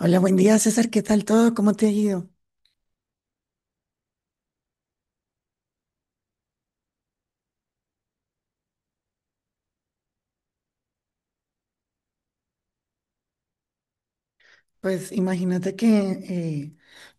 Hola, buen día César, ¿qué tal todo? ¿Cómo te ha ido? Pues imagínate que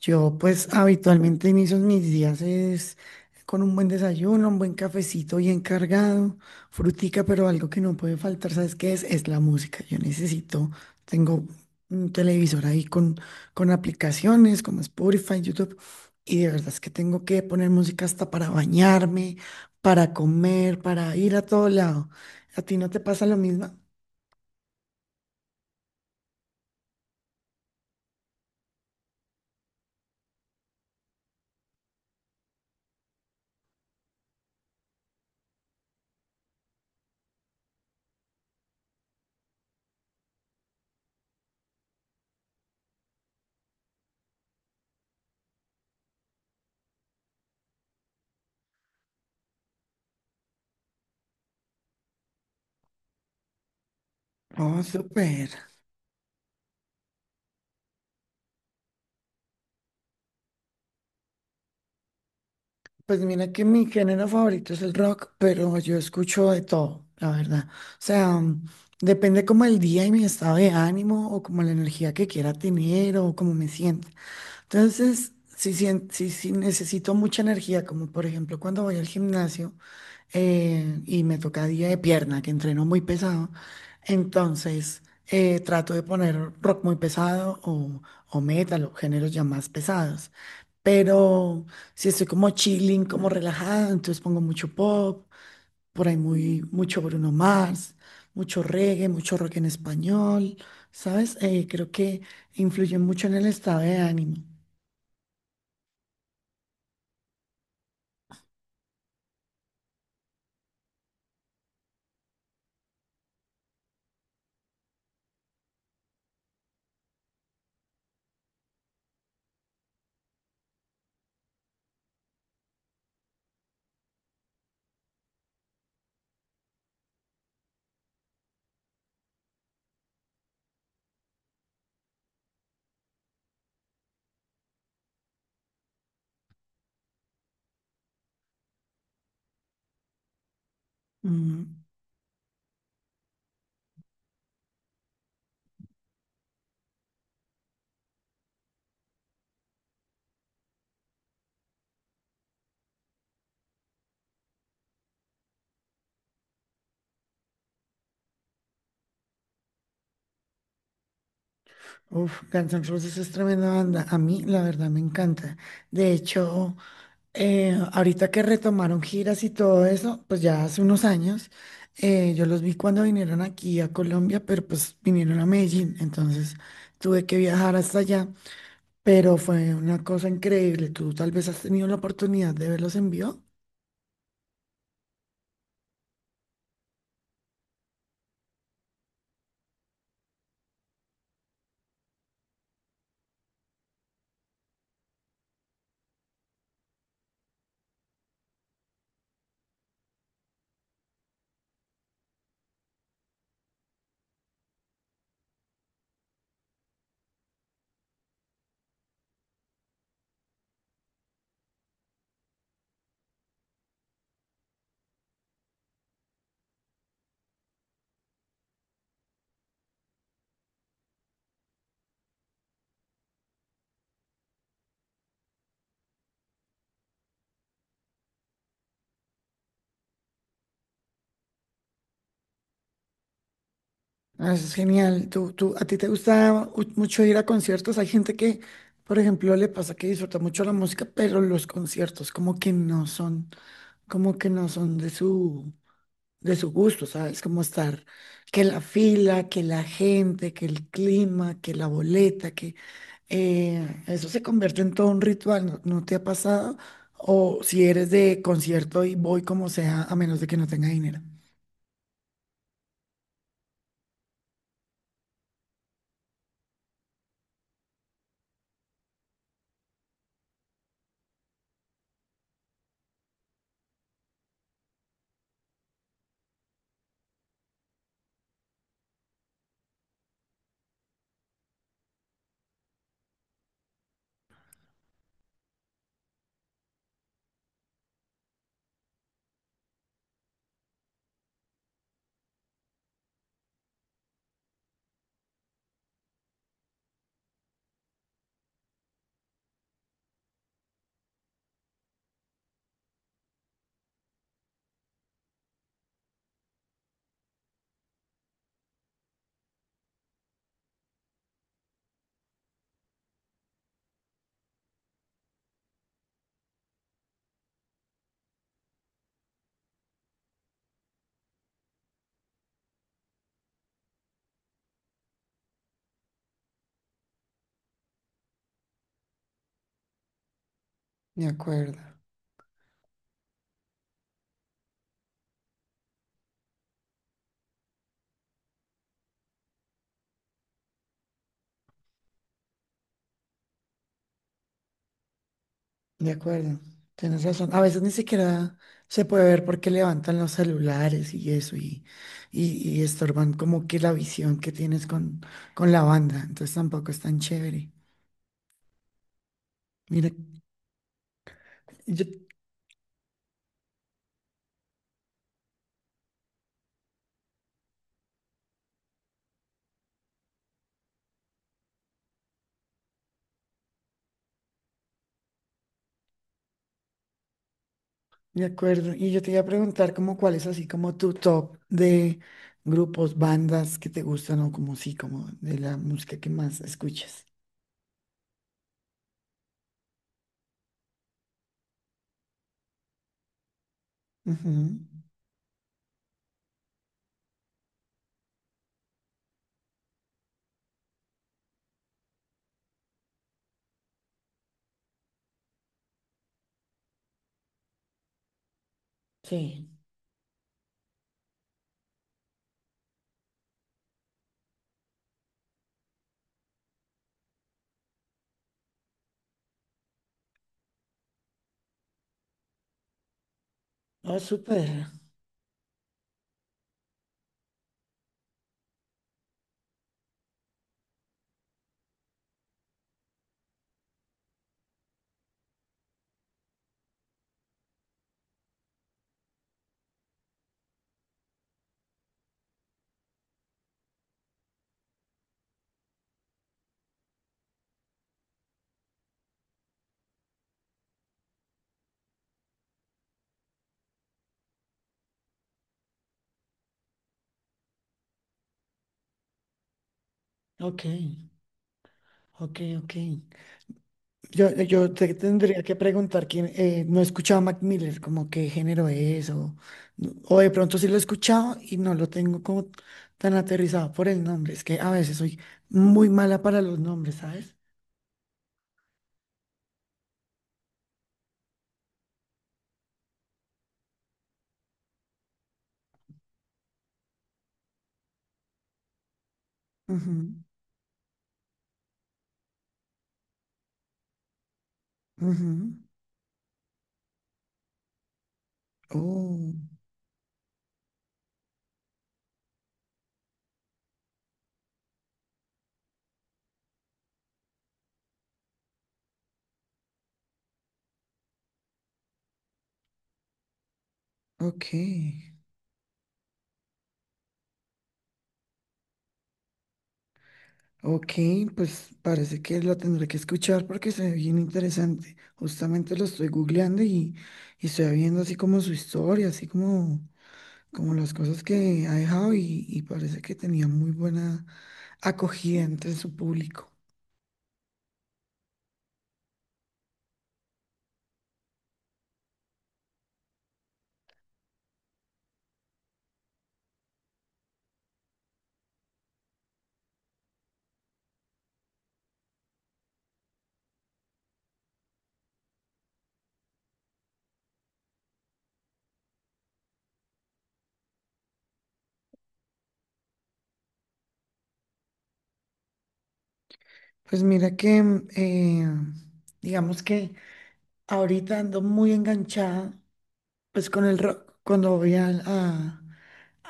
yo pues habitualmente inicio mis días es con un buen desayuno, un buen cafecito bien cargado, frutica, pero algo que no puede faltar, ¿sabes qué es? Es la música. Yo necesito, tengo un televisor ahí con aplicaciones como Spotify, YouTube, y de verdad es que tengo que poner música hasta para bañarme, para comer, para ir a todo lado. ¿A ti no te pasa lo mismo? Oh, súper. Pues mira que mi género favorito es el rock, pero yo escucho de todo, la verdad. O sea, depende como el día y mi estado de ánimo o como la energía que quiera tener o como me siento. Entonces, si necesito mucha energía, como por ejemplo cuando voy al gimnasio y me toca día de pierna, que entreno muy pesado, entonces trato de poner rock muy pesado o metal o géneros ya más pesados. Pero si estoy como chilling, como relajada, entonces pongo mucho pop, por ahí mucho Bruno Mars, mucho reggae, mucho rock en español, ¿sabes? Creo que influye mucho en el estado de ánimo. Mm, Uf, Guns N' Roses es tremenda banda. A mí, la verdad, me encanta. De hecho, ahorita que retomaron giras y todo eso, pues ya hace unos años, yo los vi cuando vinieron aquí a Colombia, pero pues vinieron a Medellín, entonces tuve que viajar hasta allá, pero fue una cosa increíble. ¿Tú tal vez has tenido la oportunidad de verlos en vivo? Ah, eso es genial. A ti te gusta mucho ir a conciertos? Hay gente que, por ejemplo, le pasa que disfruta mucho la música, pero los conciertos como que no son, como que no son de de su gusto, ¿sabes? Como estar, que la fila, que la gente, que el clima, que la boleta, que eso se convierte en todo un ritual. ¿No, no te ha pasado? O si eres de concierto y voy como sea, a menos de que no tenga dinero. De acuerdo. De acuerdo, tienes razón. A veces ni siquiera se puede ver porque levantan los celulares y eso y estorban como que la visión que tienes con la banda. Entonces tampoco es tan chévere. Mira, yo de acuerdo. Y yo te iba a preguntar como cuál es así como tu top de grupos, bandas que te gustan o como sí, como de la música que más escuchas. Ujú, sí. Ah, súper. Ok, ok, ok. Yo te tendría que preguntar quién, no he escuchado a Mac Miller, como qué género es, o de pronto sí lo he escuchado y no lo tengo como tan aterrizado por el nombre. Es que a veces soy muy mala para los nombres, ¿sabes? Ujú, ujú. Oh, ok. Ok, pues parece que lo tendré que escuchar porque se ve bien interesante. Justamente lo estoy googleando y estoy viendo así como su historia, así como como las cosas que ha dejado y parece que tenía muy buena acogida entre su público. Pues mira que, digamos que ahorita ando muy enganchada, pues con el rock, cuando voy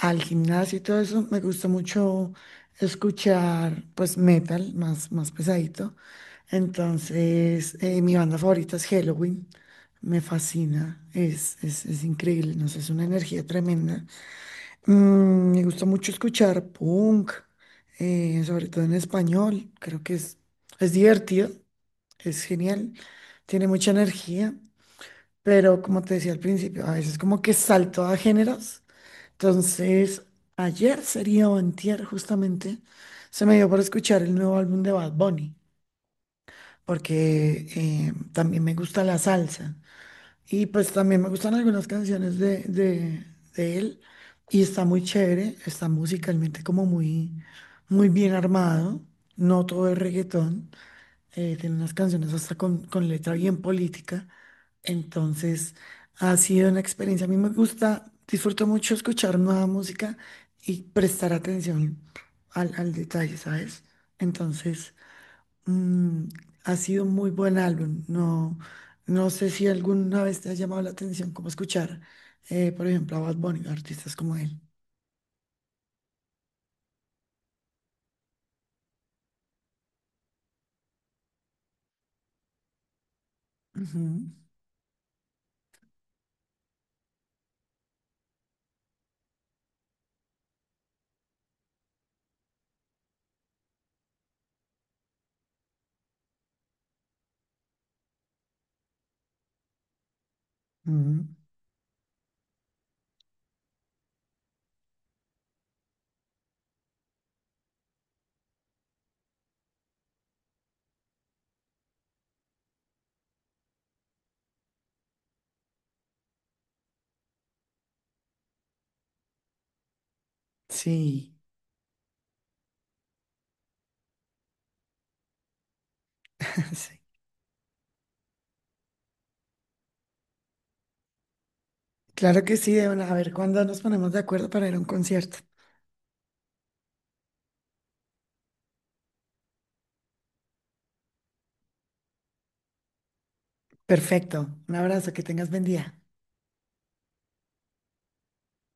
al gimnasio y todo eso, me gusta mucho escuchar pues metal más, más pesadito. Entonces, mi banda favorita es Halloween. Me fascina, es increíble, no sé, es una energía tremenda. Me gusta mucho escuchar punk, sobre todo en español. Creo que es divertido, es genial, tiene mucha energía, pero como te decía al principio, a veces como que salto a géneros. Entonces, ayer sería o antier justamente, se me dio por escuchar el nuevo álbum de Bad Bunny, porque también me gusta la salsa. Y pues también me gustan algunas canciones de él y está muy chévere, está musicalmente como muy, muy bien armado, no todo es reggaetón, tiene unas canciones hasta con letra bien política, entonces ha sido una experiencia, a mí me gusta, disfruto mucho escuchar nueva música y prestar atención al detalle, ¿sabes? Entonces... Mm, ha sido un muy buen álbum. No, no sé si alguna vez te ha llamado la atención cómo escuchar, por ejemplo, a Bad Bunny, artistas como él. Ujú, ujú. Sí, sí. Claro que sí, Débora. A ver cuándo nos ponemos de acuerdo para ir a un concierto. Perfecto. Un abrazo, que tengas buen día.